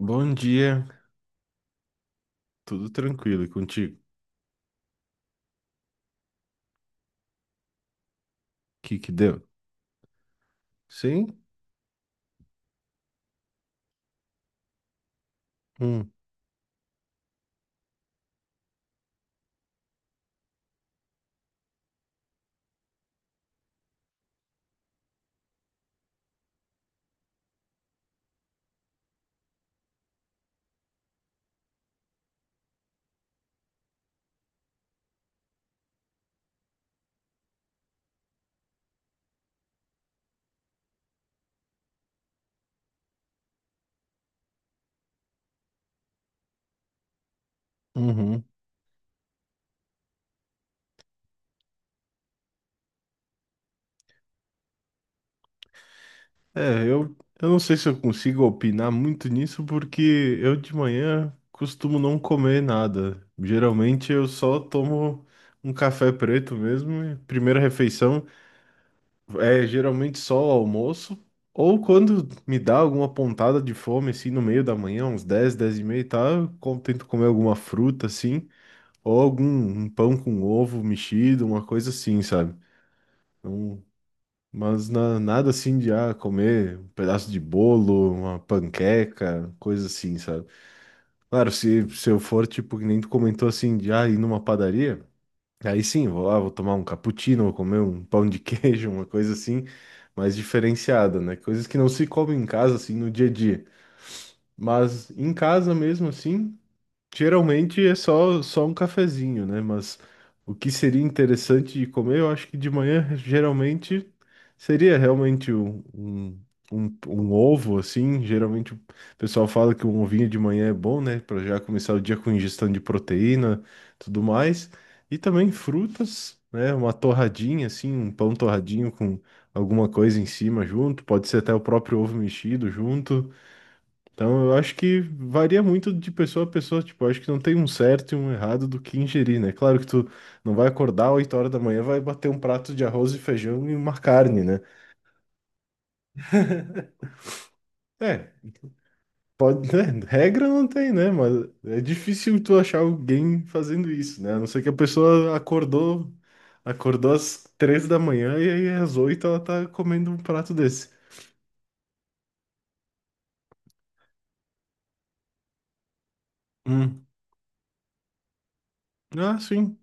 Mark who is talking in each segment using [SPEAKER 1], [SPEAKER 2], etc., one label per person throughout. [SPEAKER 1] Bom dia, tudo tranquilo e contigo? O que que deu? Sim? Hum, uhum. É, eu não sei se eu consigo opinar muito nisso porque eu de manhã costumo não comer nada. Geralmente eu só tomo um café preto mesmo, e primeira refeição é geralmente só o almoço. Ou quando me dá alguma pontada de fome, assim, no meio da manhã, uns 10, 10:30, tá? Eu tento comer alguma fruta, assim. Ou algum um pão com ovo mexido, uma coisa assim, sabe? Não, mas nada assim de comer um pedaço de bolo, uma panqueca, coisa assim, sabe? Claro, se eu for, tipo, que nem tu comentou assim, de ir numa padaria, aí sim, vou lá, vou tomar um cappuccino, vou comer um pão de queijo, uma coisa assim, mais diferenciada, né? Coisas que não se comem em casa, assim, no dia a dia. Mas em casa mesmo, assim. Geralmente é só um cafezinho, né? Mas o que seria interessante de comer, eu acho que de manhã geralmente seria realmente um ovo, assim. Geralmente o pessoal fala que um ovinho de manhã é bom, né? Para já começar o dia com ingestão de proteína, tudo mais. E também frutas, né? Uma torradinha, assim, um pão torradinho com alguma coisa em cima junto. Pode ser até o próprio ovo mexido junto. Então, eu acho que varia muito de pessoa a pessoa. Tipo, eu acho que não tem um certo e um errado do que ingerir, né? Claro que tu não vai acordar 8 horas da manhã, vai bater um prato de arroz e feijão e uma carne, né? É, pode, né? Regra não tem, né? Mas é difícil tu achar alguém fazendo isso, né? A não ser que a pessoa acordou às 3 da manhã e aí às 8 ela tá comendo um prato desse. Hum. Ah, sim.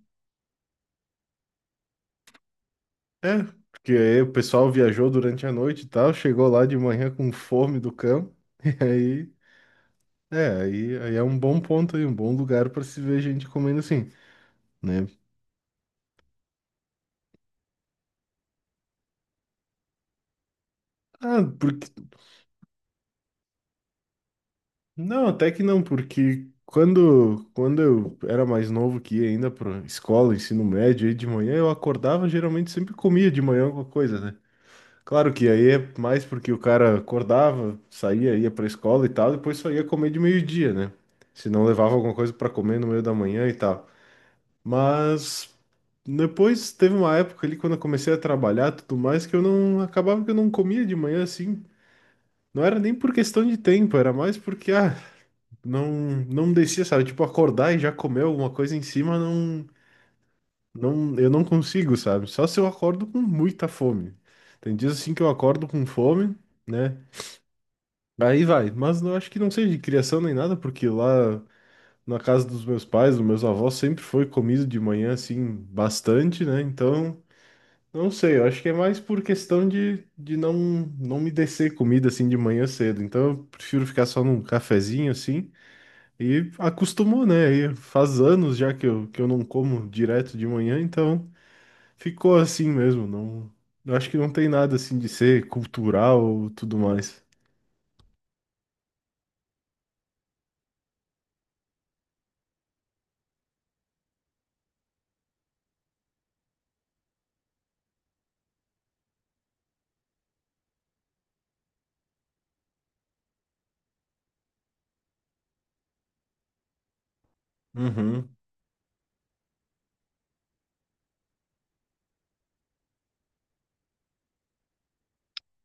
[SPEAKER 1] É, porque aí o pessoal viajou durante a noite e tal, chegou lá de manhã com fome do campo, e aí, é um bom ponto aí, um bom lugar para se ver gente comendo assim, né? Ah, porque não, até que não, porque quando eu era mais novo que ia ainda para escola, ensino médio, aí de manhã eu acordava, geralmente sempre comia de manhã alguma coisa, né? Claro que aí é mais porque o cara acordava, saía, ia pra escola e tal, depois só ia comer de meio-dia, né? Se não levava alguma coisa pra comer no meio da manhã e tal. Mas depois teve uma época ali quando eu comecei a trabalhar, e tudo mais que eu não acabava que eu não comia de manhã assim. Não era nem por questão de tempo, era mais porque não não descia, sabe? Tipo acordar e já comer alguma coisa em cima, não eu não consigo, sabe? Só se eu acordo com muita fome. Tem dias assim que eu acordo com fome, né? Aí vai, mas eu acho que não seja de criação nem nada, porque lá na casa dos meus pais, dos meus avós, sempre foi comido de manhã, assim, bastante, né? Então, não sei, eu acho que é mais por questão de não me descer comida, assim, de manhã cedo. Então, eu prefiro ficar só num cafezinho, assim, e acostumou, né? E faz anos já que que eu não como direto de manhã, então ficou assim mesmo. Não, eu acho que não tem nada, assim, de ser cultural ou tudo mais. Uhum.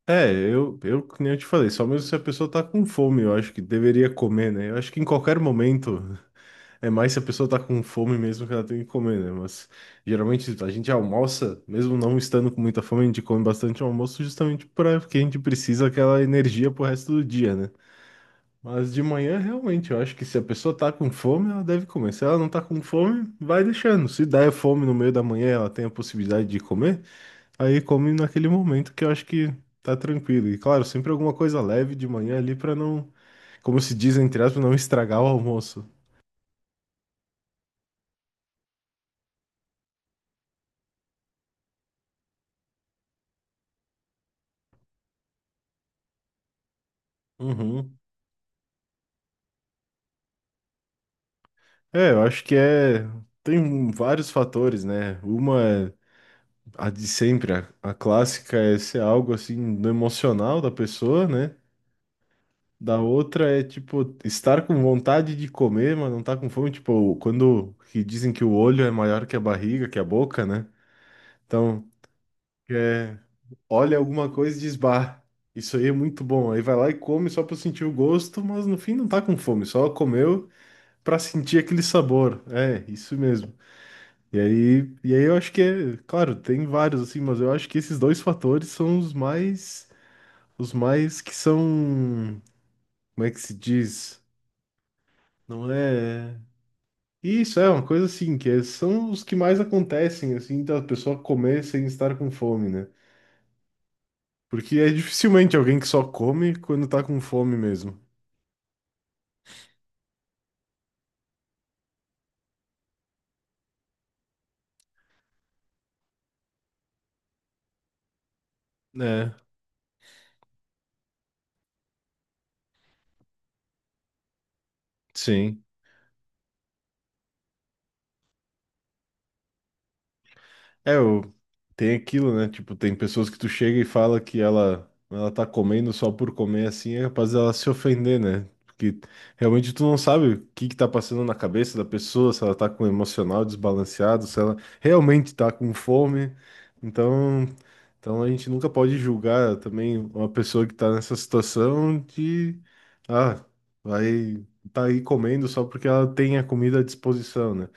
[SPEAKER 1] É, eu, que nem eu te falei, só mesmo se a pessoa tá com fome, eu acho que deveria comer, né? Eu acho que em qualquer momento, é mais se a pessoa tá com fome mesmo que ela tem que comer, né? Mas geralmente a gente almoça, mesmo não estando com muita fome, a gente come bastante almoço justamente para que a gente precisa aquela energia pro resto do dia, né? Mas de manhã, realmente, eu acho que se a pessoa tá com fome, ela deve comer. Se ela não tá com fome, vai deixando. Se der fome no meio da manhã, ela tem a possibilidade de comer. Aí come naquele momento que eu acho que tá tranquilo. E claro, sempre alguma coisa leve de manhã ali pra não, como se diz entre aspas, não estragar o almoço. Uhum. É, eu acho que é. Tem vários fatores, né? Uma é a de sempre, a clássica é ser algo assim do emocional da pessoa, né? Da outra é tipo estar com vontade de comer, mas não tá com fome. Tipo, quando que dizem que o olho é maior que a barriga, que a boca, né? Então, É, olha alguma coisa e diz, bah, isso aí é muito bom. Aí vai lá e come só pra sentir o gosto, mas no fim não tá com fome, só comeu pra sentir aquele sabor. É, isso mesmo. E aí, eu acho que é, claro, tem vários assim, mas eu acho que esses dois fatores são os mais, que são, como é que se diz? Não é. Isso é uma coisa assim, são os que mais acontecem, assim, da pessoa comer sem estar com fome, né? Porque é dificilmente alguém que só come quando tá com fome mesmo. É, sim. É, o tem aquilo, né? Tipo, tem pessoas que tu chega e fala que ela tá comendo só por comer assim, é capaz dela se ofender, né? Porque realmente tu não sabe o que que tá passando na cabeça da pessoa, se ela tá com emocional desbalanceado, se ela realmente tá com fome. Então, Então, a gente nunca pode julgar também uma pessoa que está nessa situação de, ah, vai tá aí comendo só porque ela tem a comida à disposição, né?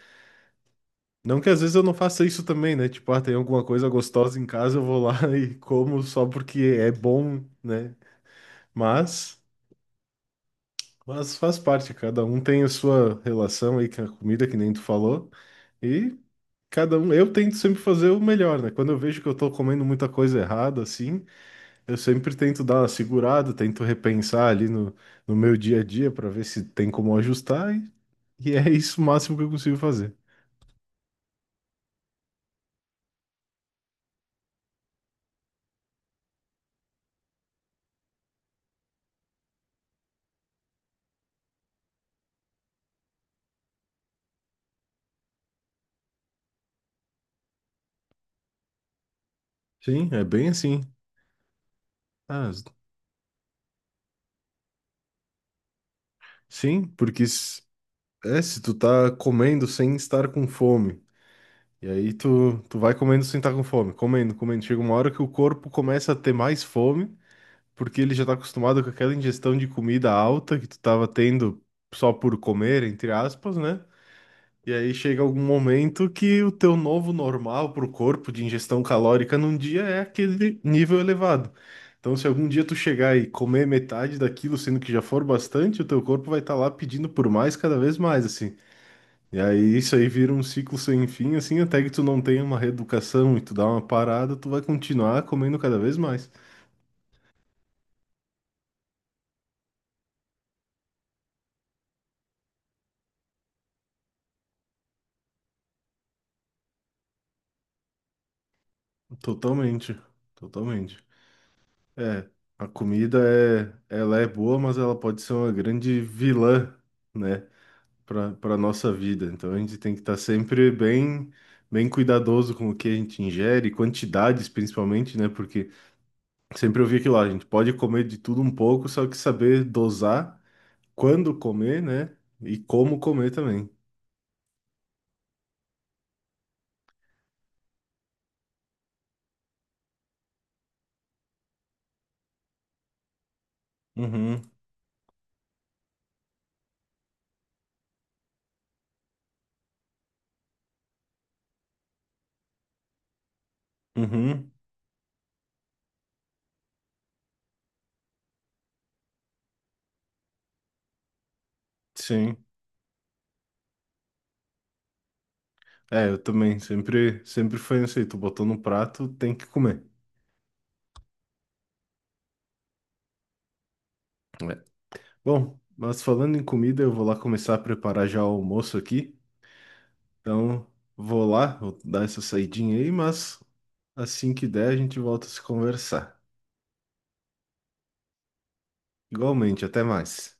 [SPEAKER 1] Não que às vezes eu não faça isso também, né? Tipo, tem alguma coisa gostosa em casa, eu vou lá e como só porque é bom, né? Mas, mas, faz parte, cada um tem a sua relação aí com a comida, que nem tu falou. E cada um, eu tento sempre fazer o melhor, né? Quando eu vejo que eu tô comendo muita coisa errada, assim. Eu sempre tento dar uma segurada, tento repensar ali no meu dia a dia para ver se tem como ajustar, e é isso o máximo que eu consigo fazer. Sim, é bem assim. Ah, sim, porque se tu tá comendo sem estar com fome, e aí tu vai comendo sem estar com fome, comendo, comendo. Chega uma hora que o corpo começa a ter mais fome, porque ele já tá acostumado com aquela ingestão de comida alta que tu tava tendo só por comer, entre aspas, né? E aí chega algum momento que o teu novo normal para o corpo de ingestão calórica num dia é aquele nível elevado. Então, se algum dia tu chegar e comer metade daquilo, sendo que já for bastante, o teu corpo vai estar lá pedindo por mais cada vez mais, assim. E aí isso aí vira um ciclo sem fim, assim, até que tu não tenha uma reeducação e tu dá uma parada, tu vai continuar comendo cada vez mais. Totalmente, totalmente. É, a comida ela é boa, mas ela pode ser uma grande vilã, né? Para nossa vida. Então a gente tem que estar sempre bem cuidadoso com o que a gente ingere, quantidades principalmente, né? Porque sempre eu vi aquilo lá, a gente pode comer de tudo um pouco, só que saber dosar quando comer, né? E como comer também. Uhum, uhum, sim. É, eu também, sempre foi isso aí, tu botou no prato, tem que comer. É. Bom, mas falando em comida, eu vou lá começar a preparar já o almoço aqui, então vou lá, vou dar essa saidinha aí, mas assim que der, a gente volta a se conversar. Igualmente, até mais.